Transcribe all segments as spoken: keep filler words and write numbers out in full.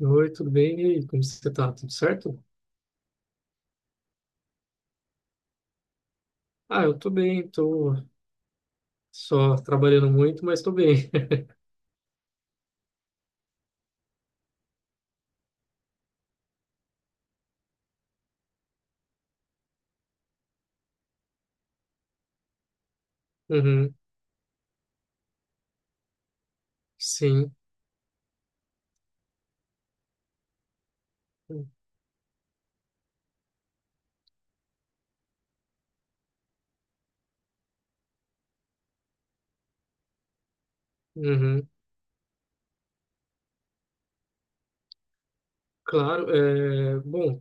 Oi, tudo bem? E aí, como você tá? Tudo certo? Ah, eu tô bem, tô só trabalhando muito, mas tô bem. Uhum, sim. Uhum, claro, é, bom,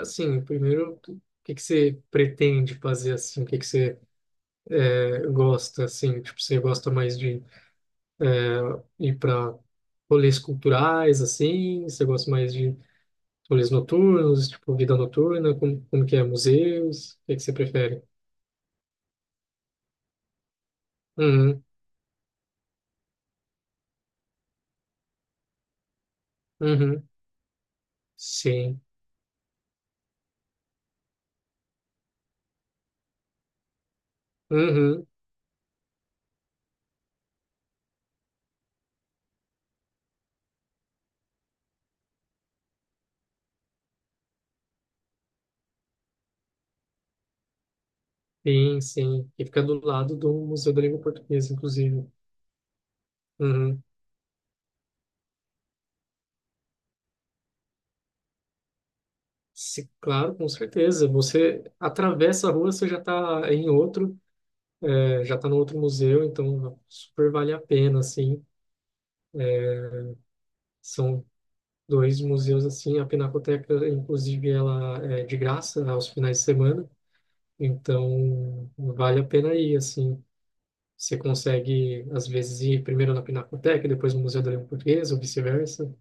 assim, primeiro, o que que você pretende fazer, assim, o que que você é, gosta, assim, tipo, você gosta mais de ir para rolês culturais, assim, você gosta mais de rolês noturnos, tipo, vida noturna, como, como que é, museus, o que que você prefere? Uhum, uhum, sim, uhum. Sim, sim. E fica do lado do Museu da Língua Portuguesa, inclusive. Uhum. Se- claro, com certeza. Você atravessa a rua, você já está em outro, é, já está no outro museu, então super vale a pena, assim. São dois museus, assim. A Pinacoteca, inclusive, ela é de graça aos finais de semana, então vale a pena ir, assim. Você consegue, às vezes, ir primeiro na Pinacoteca, depois no Museu da Língua Portuguesa, ou vice-versa.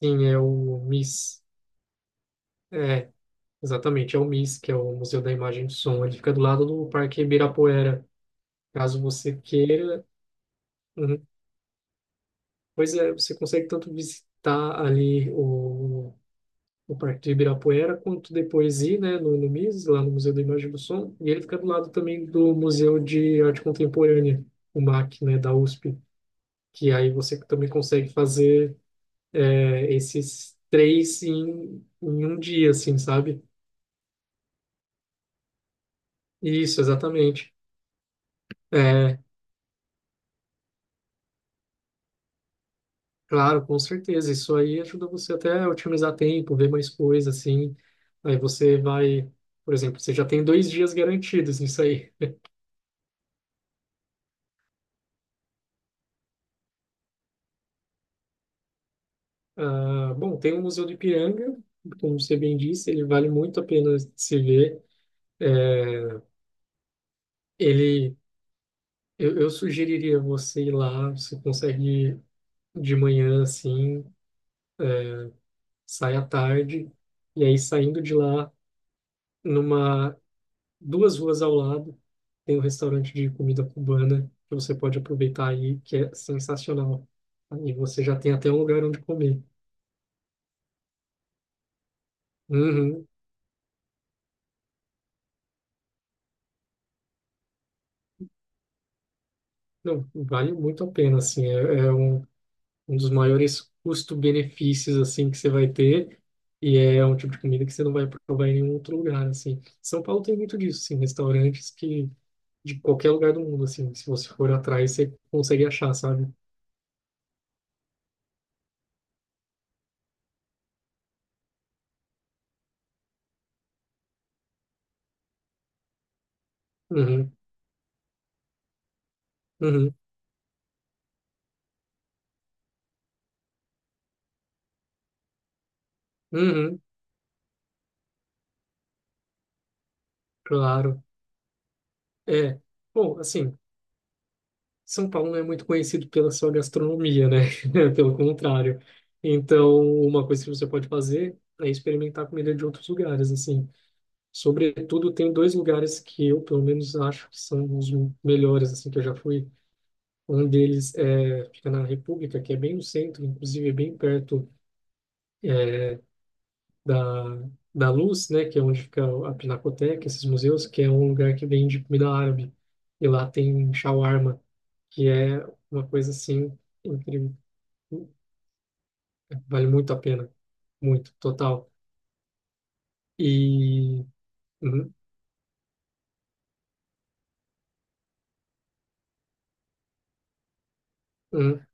Sim, é o MIS. Exatamente, é o MIS, que é o Museu da Imagem e do Som. Ele fica do lado do Parque Ibirapuera. Caso você queira. Uhum. Pois é, você consegue tanto visitar ali o, o Parque do Ibirapuera, quanto depois ir, né, no, no MIS, lá no Museu da Imagem e do Som. E ele fica do lado também do Museu de Arte Contemporânea, o MAC, né, da USP, que aí você também consegue fazer é, esses três em, em um dia, assim, sabe? Isso, exatamente. É, claro, com certeza. Isso aí ajuda você até a otimizar tempo, ver mais coisa assim. Aí você vai, por exemplo, você já tem dois dias garantidos nisso aí. Ah, bom, tem o Museu do Ipiranga, como você bem disse, ele vale muito a pena se ver. É, Ele, eu, eu sugeriria você ir lá, você consegue de manhã assim, sai à tarde, e aí saindo de lá, numa duas ruas ao lado tem um restaurante de comida cubana que você pode aproveitar aí, que é sensacional. Aí você já tem até um lugar onde comer. Uhum. Não, vale muito a pena, assim, é, é um, um dos maiores custo-benefícios, assim, que você vai ter, e é um tipo de comida que você não vai provar em nenhum outro lugar, assim. São Paulo tem muito disso, assim, restaurantes que, de qualquer lugar do mundo, assim, se você for atrás, você consegue achar, sabe? Uhum, uhum, uhum, claro. É, bom, assim, São Paulo não é muito conhecido pela sua gastronomia, né? Pelo contrário. Então, uma coisa que você pode fazer é experimentar comida de outros lugares, assim. Sobretudo, tem dois lugares que eu, pelo menos, acho que são os melhores, assim, que eu já fui. Um deles é, fica na República, que é bem no centro, inclusive é bem perto é, da, da Luz, né? Que é onde fica a Pinacoteca, esses museus, que é um lugar que vende comida árabe. E lá tem shawarma, que é uma coisa, assim, incrível. Vale muito a pena, muito, total. E hum, hum,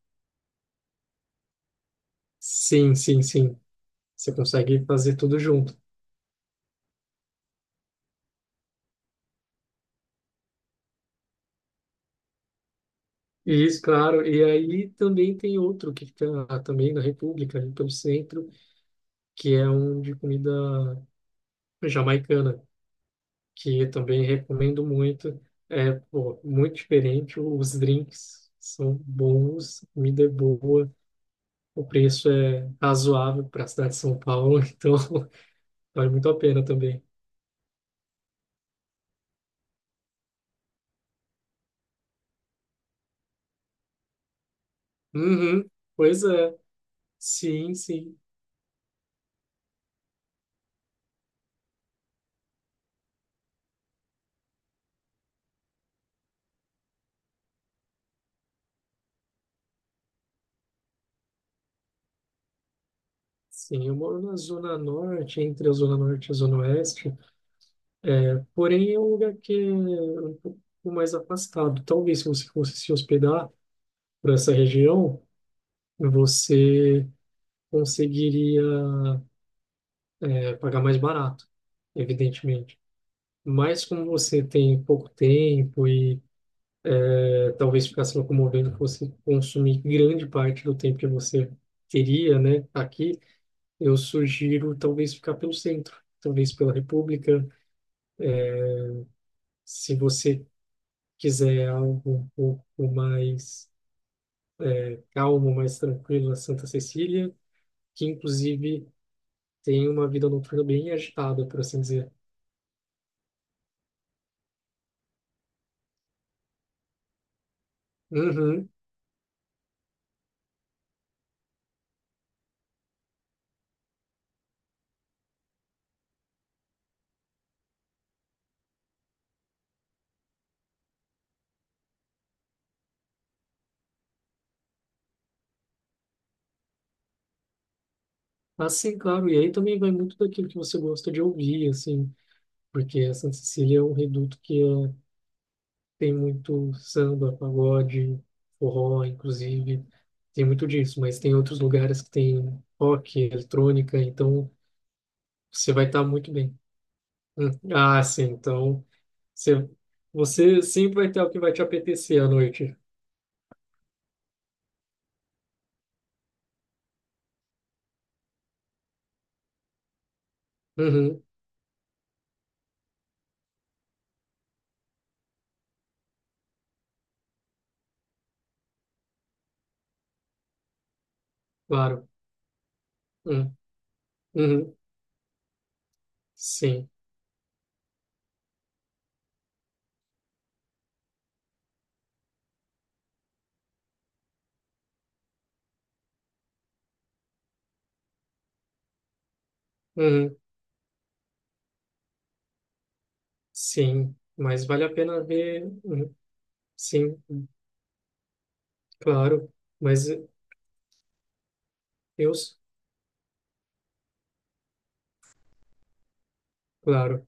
sim, sim, sim. Você consegue fazer tudo junto. Isso, claro. E aí também tem outro que fica também na República, ali pelo centro, que é um de comida jamaicana, que eu também recomendo muito. É, pô, muito diferente. Os drinks são bons, a comida é boa, o preço é razoável para a cidade de São Paulo, então vale muito a pena também. Uhum, pois é, sim, sim, sim. Eu moro na Zona Norte, entre a Zona Norte e a Zona Oeste, porém é um lugar que é um pouco mais afastado. Talvez se você fosse se hospedar por essa região, você conseguiria é, pagar mais barato, evidentemente. Mas como você tem pouco tempo e é, talvez ficar se locomovendo fosse consumir grande parte do tempo que você teria, né, aqui. Eu sugiro talvez ficar pelo centro, talvez pela República, se você quiser algo um pouco mais calmo, mais tranquilo, a Santa Cecília, que inclusive tem uma vida noturna bem agitada, por assim dizer. Uhum. Assim, claro, e aí também vai muito daquilo que você gosta de ouvir, assim, porque a Santa Cecília é um reduto que é, tem muito samba, pagode, forró, inclusive, tem muito disso, mas tem outros lugares que tem rock, eletrônica, então você vai estar muito bem. Hum. Ah, sim. Então, você, você sempre vai ter o que vai te apetecer à noite. Uhum, claro. Hum, uhum, sim. Uhum, sim. Mas vale a pena ver. Uhum, sim, claro. Mas eu, claro.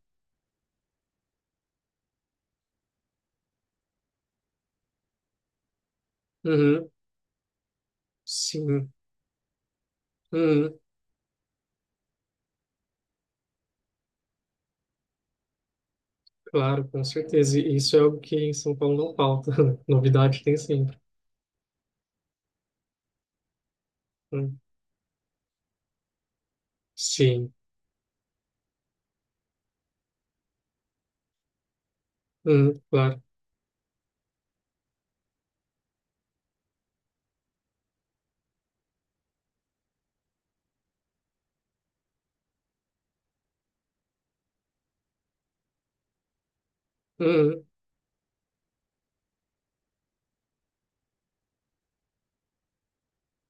Uhum, sim. Uhum, claro, com certeza. E isso é algo que em São Paulo não falta. Novidade tem sempre. Hum, sim. Uhum, claro. Uhum,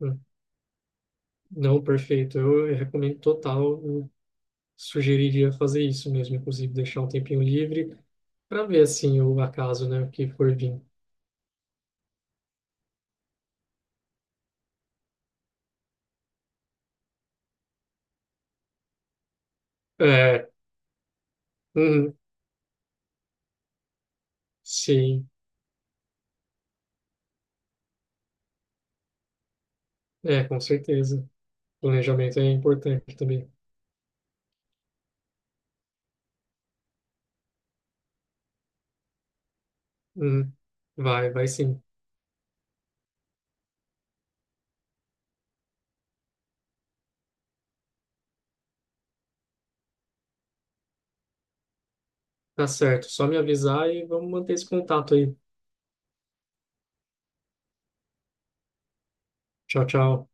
uhum. Não, perfeito. Eu recomendo total. Sugeriria fazer isso mesmo, inclusive deixar um tempinho livre para ver assim o acaso, né, o que for vir. É, uhum, sim, é, com certeza. Planejamento é importante também. Uhum, vai, vai sim. Tá certo, só me avisar e vamos manter esse contato aí. Tchau, tchau.